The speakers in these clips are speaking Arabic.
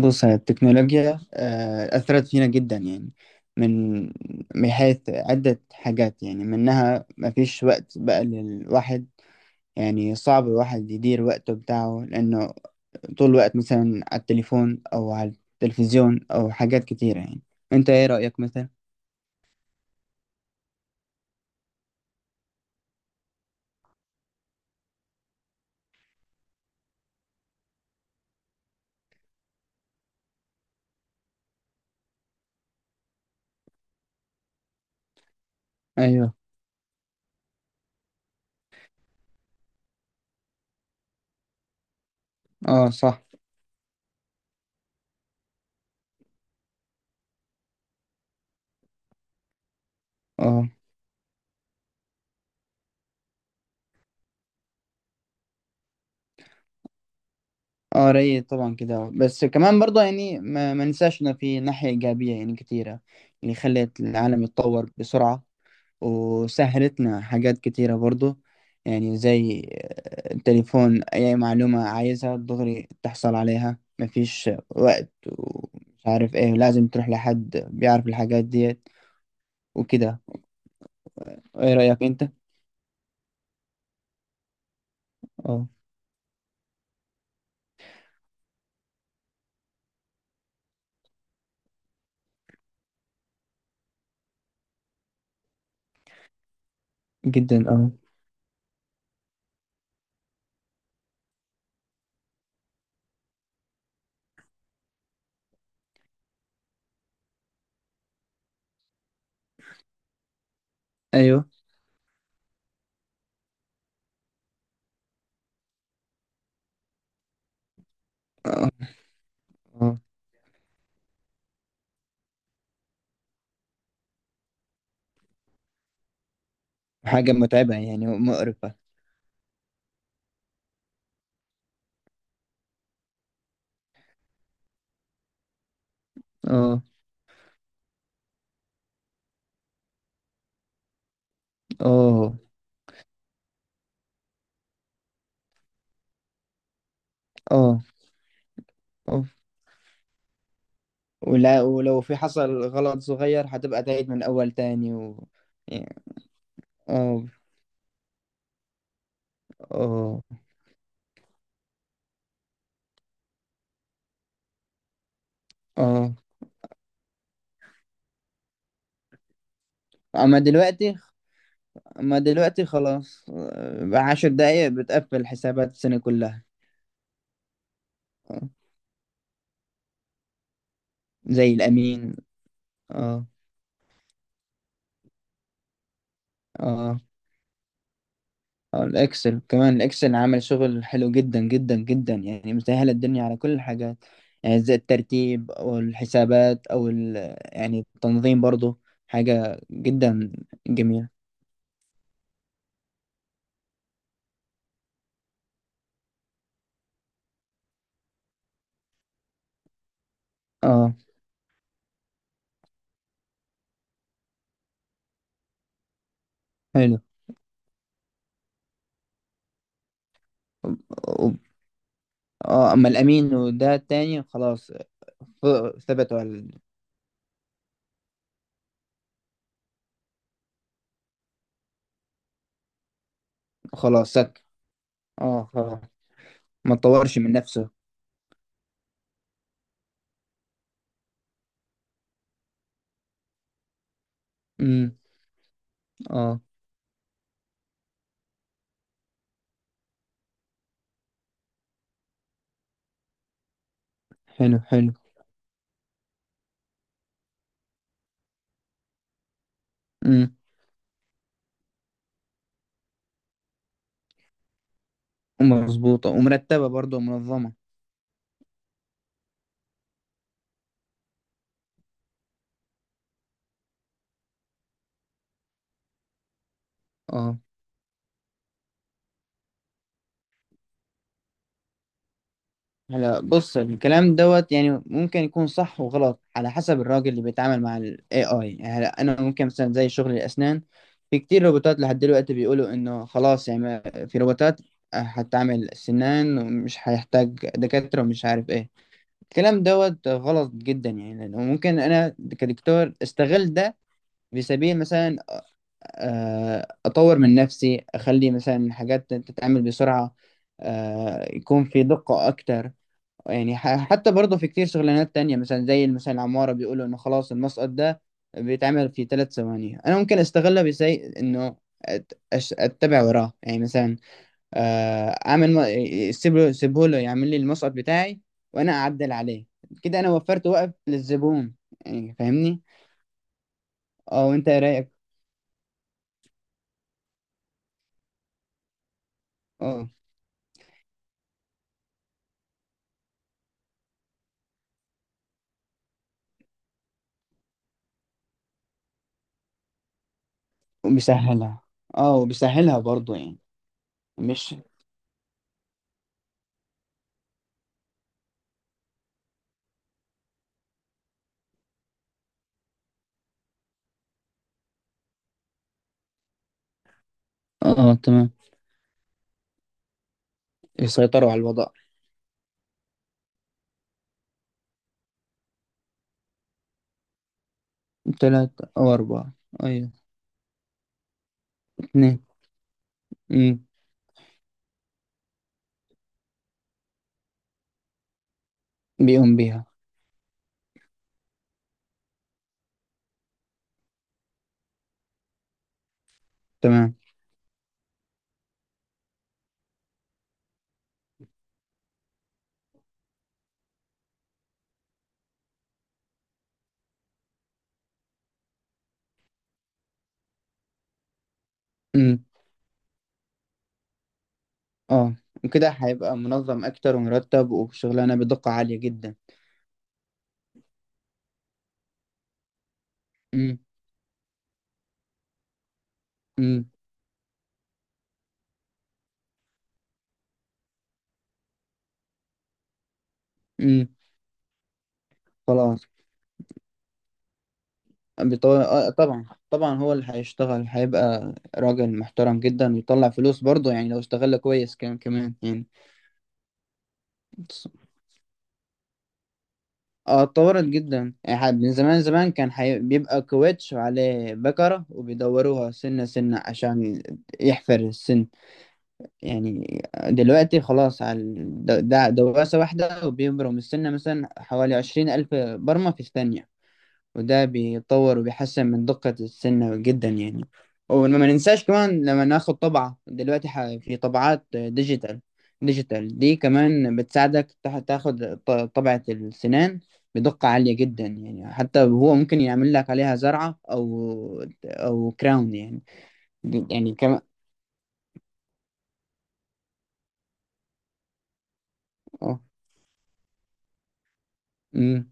بص هي التكنولوجيا أثرت فينا جدا يعني من من حيث عدة حاجات يعني منها مفيش وقت بقى للواحد يعني صعب الواحد يدير وقته بتاعه لأنه طول الوقت مثلا على التليفون أو على التلفزيون أو حاجات كتيرة يعني. أنت إيه رأيك مثلا؟ أيوه. أه صح. أه. أه رأيي طبعا كده، بس كمان برضه يعني ما ننساش إنه في ناحية إيجابية يعني كتيرة اللي خلت العالم يتطور بسرعة وسهلتنا حاجات كتيرة برضو، يعني زي التليفون أي معلومة عايزها دغري تحصل عليها، مفيش وقت ومش عارف ايه لازم تروح لحد بيعرف الحاجات ديت وكده. ايه رأيك انت؟ اه. جدا اه. ايوه. اه. اه. حاجة متعبة يعني ومقرفة. اه. اه. اه. اه. ولو في حصل غلط صغير هتبقى تعيد من أول تاني و... يعني، اه. اه. اه. اما دلوقتي. اما دلوقتي خلاص، 10 دقايق بتقفل حسابات السنة كلها. آه، زي الامين. اه. اه. آه، الاكسل كمان، الاكسل عمل شغل حلو جدا جدا جدا، يعني مسهل الدنيا على كل الحاجات. يعني زي الترتيب او الحسابات او ال... يعني التنظيم برضو، حاجة جدا جميلة. اه. حلو. و- اه اما الامين وده التاني خلاص. ف- ثبتوا على ال- خلاص سك. اه خلاص. ما تطورش من نفسها. امم. اه. حلو حلو. امم. ومظبوطة ومرتبة برضه ومنظمة. اه. هلا بص، الكلام دوت يعني ممكن يكون صح وغلط على حسب الراجل اللي بيتعامل مع ال AI. يعني هلا انا ممكن مثلا زي شغل الاسنان، في كتير روبوتات لحد دلوقتي بيقولوا انه خلاص يعني في روبوتات هتعمل سنان ومش هيحتاج دكاترة ومش عارف ايه. الكلام دوت غلط جدا، يعني لأنه ممكن انا كدكتور استغل ده في سبيل مثلا اطور من نفسي، اخلي مثلا حاجات تتعمل بسرعه، يكون في دقه اكتر. يعني حتى برضه في كتير شغلانات تانية، مثلا زي مثلا العماره، بيقولوا انه خلاص المسقط ده بيتعمل في 3 ثواني. انا ممكن استغلها بزي انه أت- اتبع وراه، يعني مثلا اعمل سيبه له يعمل لي المسقط بتاعي وانا اعدل عليه. كده انا وفرت وقت للزبون، يعني فاهمني. اه وانت إيه رايك؟ أه. وبيسهلها. اه وبيسهلها برضو يعني. مش اه. تمام. يسيطروا على الوضع. تلاتة أو أربعة. أيوة. اتنين. أمم. بيقوم بيها. تمام. أمم. اه وكده هيبقى منظم أكتر ومرتب وشغلانة بدقة عالية جدا. أمم. أمم. أمم. خلاص. بيطور... آه طبعا طبعا، هو اللي هيشتغل، هيبقى راجل محترم جدا ويطلع فلوس برضه، يعني لو اشتغل كويس كمان كمان. يعني اه، اتطورت جدا يعني من زمان كان حي... بيبقى كويتش وعليه بكرة وبيدوروها سنة سنة عشان يحفر السن يعني. دلوقتي خلاص، على ال- دواسة واحدة وبيبرم السنة مثلا حوالي 20 ألف برمة في الثانية، وده بيطور وبيحسن من دقة السنة جدا يعني. وما ما ننساش كمان، لما ناخد طبعة دلوقتي في طبعات ديجيتال. ديجيتال دي كمان بتساعدك تاخد طبعة السنان بدقة عالية جدا، يعني حتى هو ممكن يعمل لك عليها زرعة أو أو كراون يعني. دي- يعني كمان اه. أمم،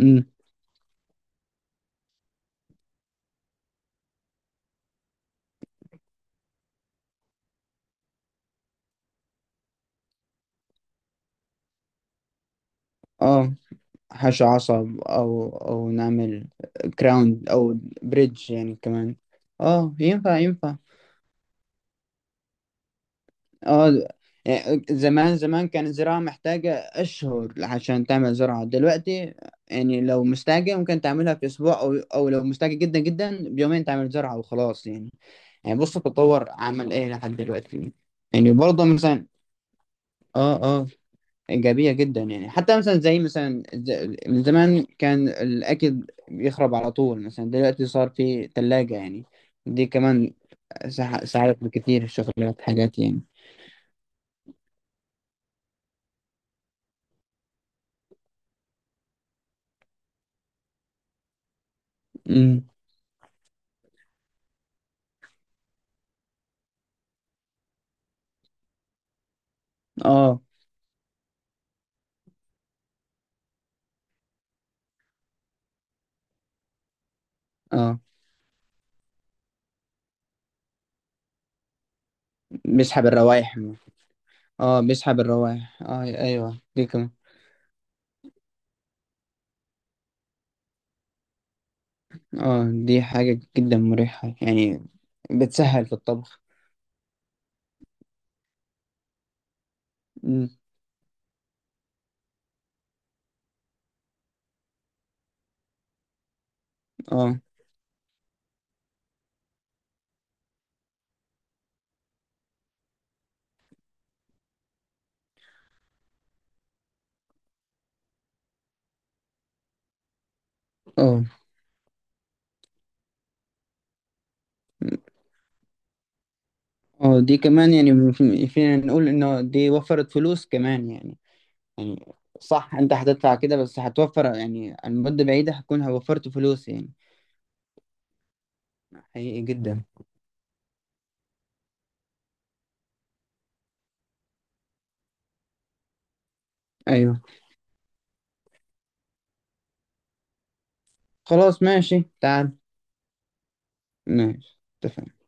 أمم، اه. حشو عصب أو أو نعمل كراون أو بريدج يعني كمان. اه ينفع ينفع. اه يعني زمان كان الزراعة محتاجة أشهر عشان تعمل زراعة. دلوقتي يعني لو مستعجل ممكن تعملها في أسبوع أو أو لو مستعجل جدا جدا بيومين تعمل زراعة وخلاص يعني. يعني بص التطور عمل إيه لحد دلوقتي. يعني برضه مثلا اه اه إيجابية جدا، يعني حتى مثلا زي مثلا من زمان كان الأكل بيخرب على طول، مثلا دلوقتي صار في تلاجة يعني. دي كمان ساعدت بكتير الشغلات حاجات يعني. امم. اه. اه مسحب الروائح. اه مسحب الروائح اه ايوه دي كمان. اه دي حاجة جدا مريحة يعني، بتسهل في الطبخ. مم. اه. اه. اه دي كمان، يعني فينا نقول انه دي وفرت فلوس كمان يعني. يعني صح، انت هتدفع كده بس هتوفر يعني، على المدة بعيدة هتكون وفرت فلوس يعني. حقيقي جدا. ايوه. خلاص ماشي، تعال. ماشي اتفقنا.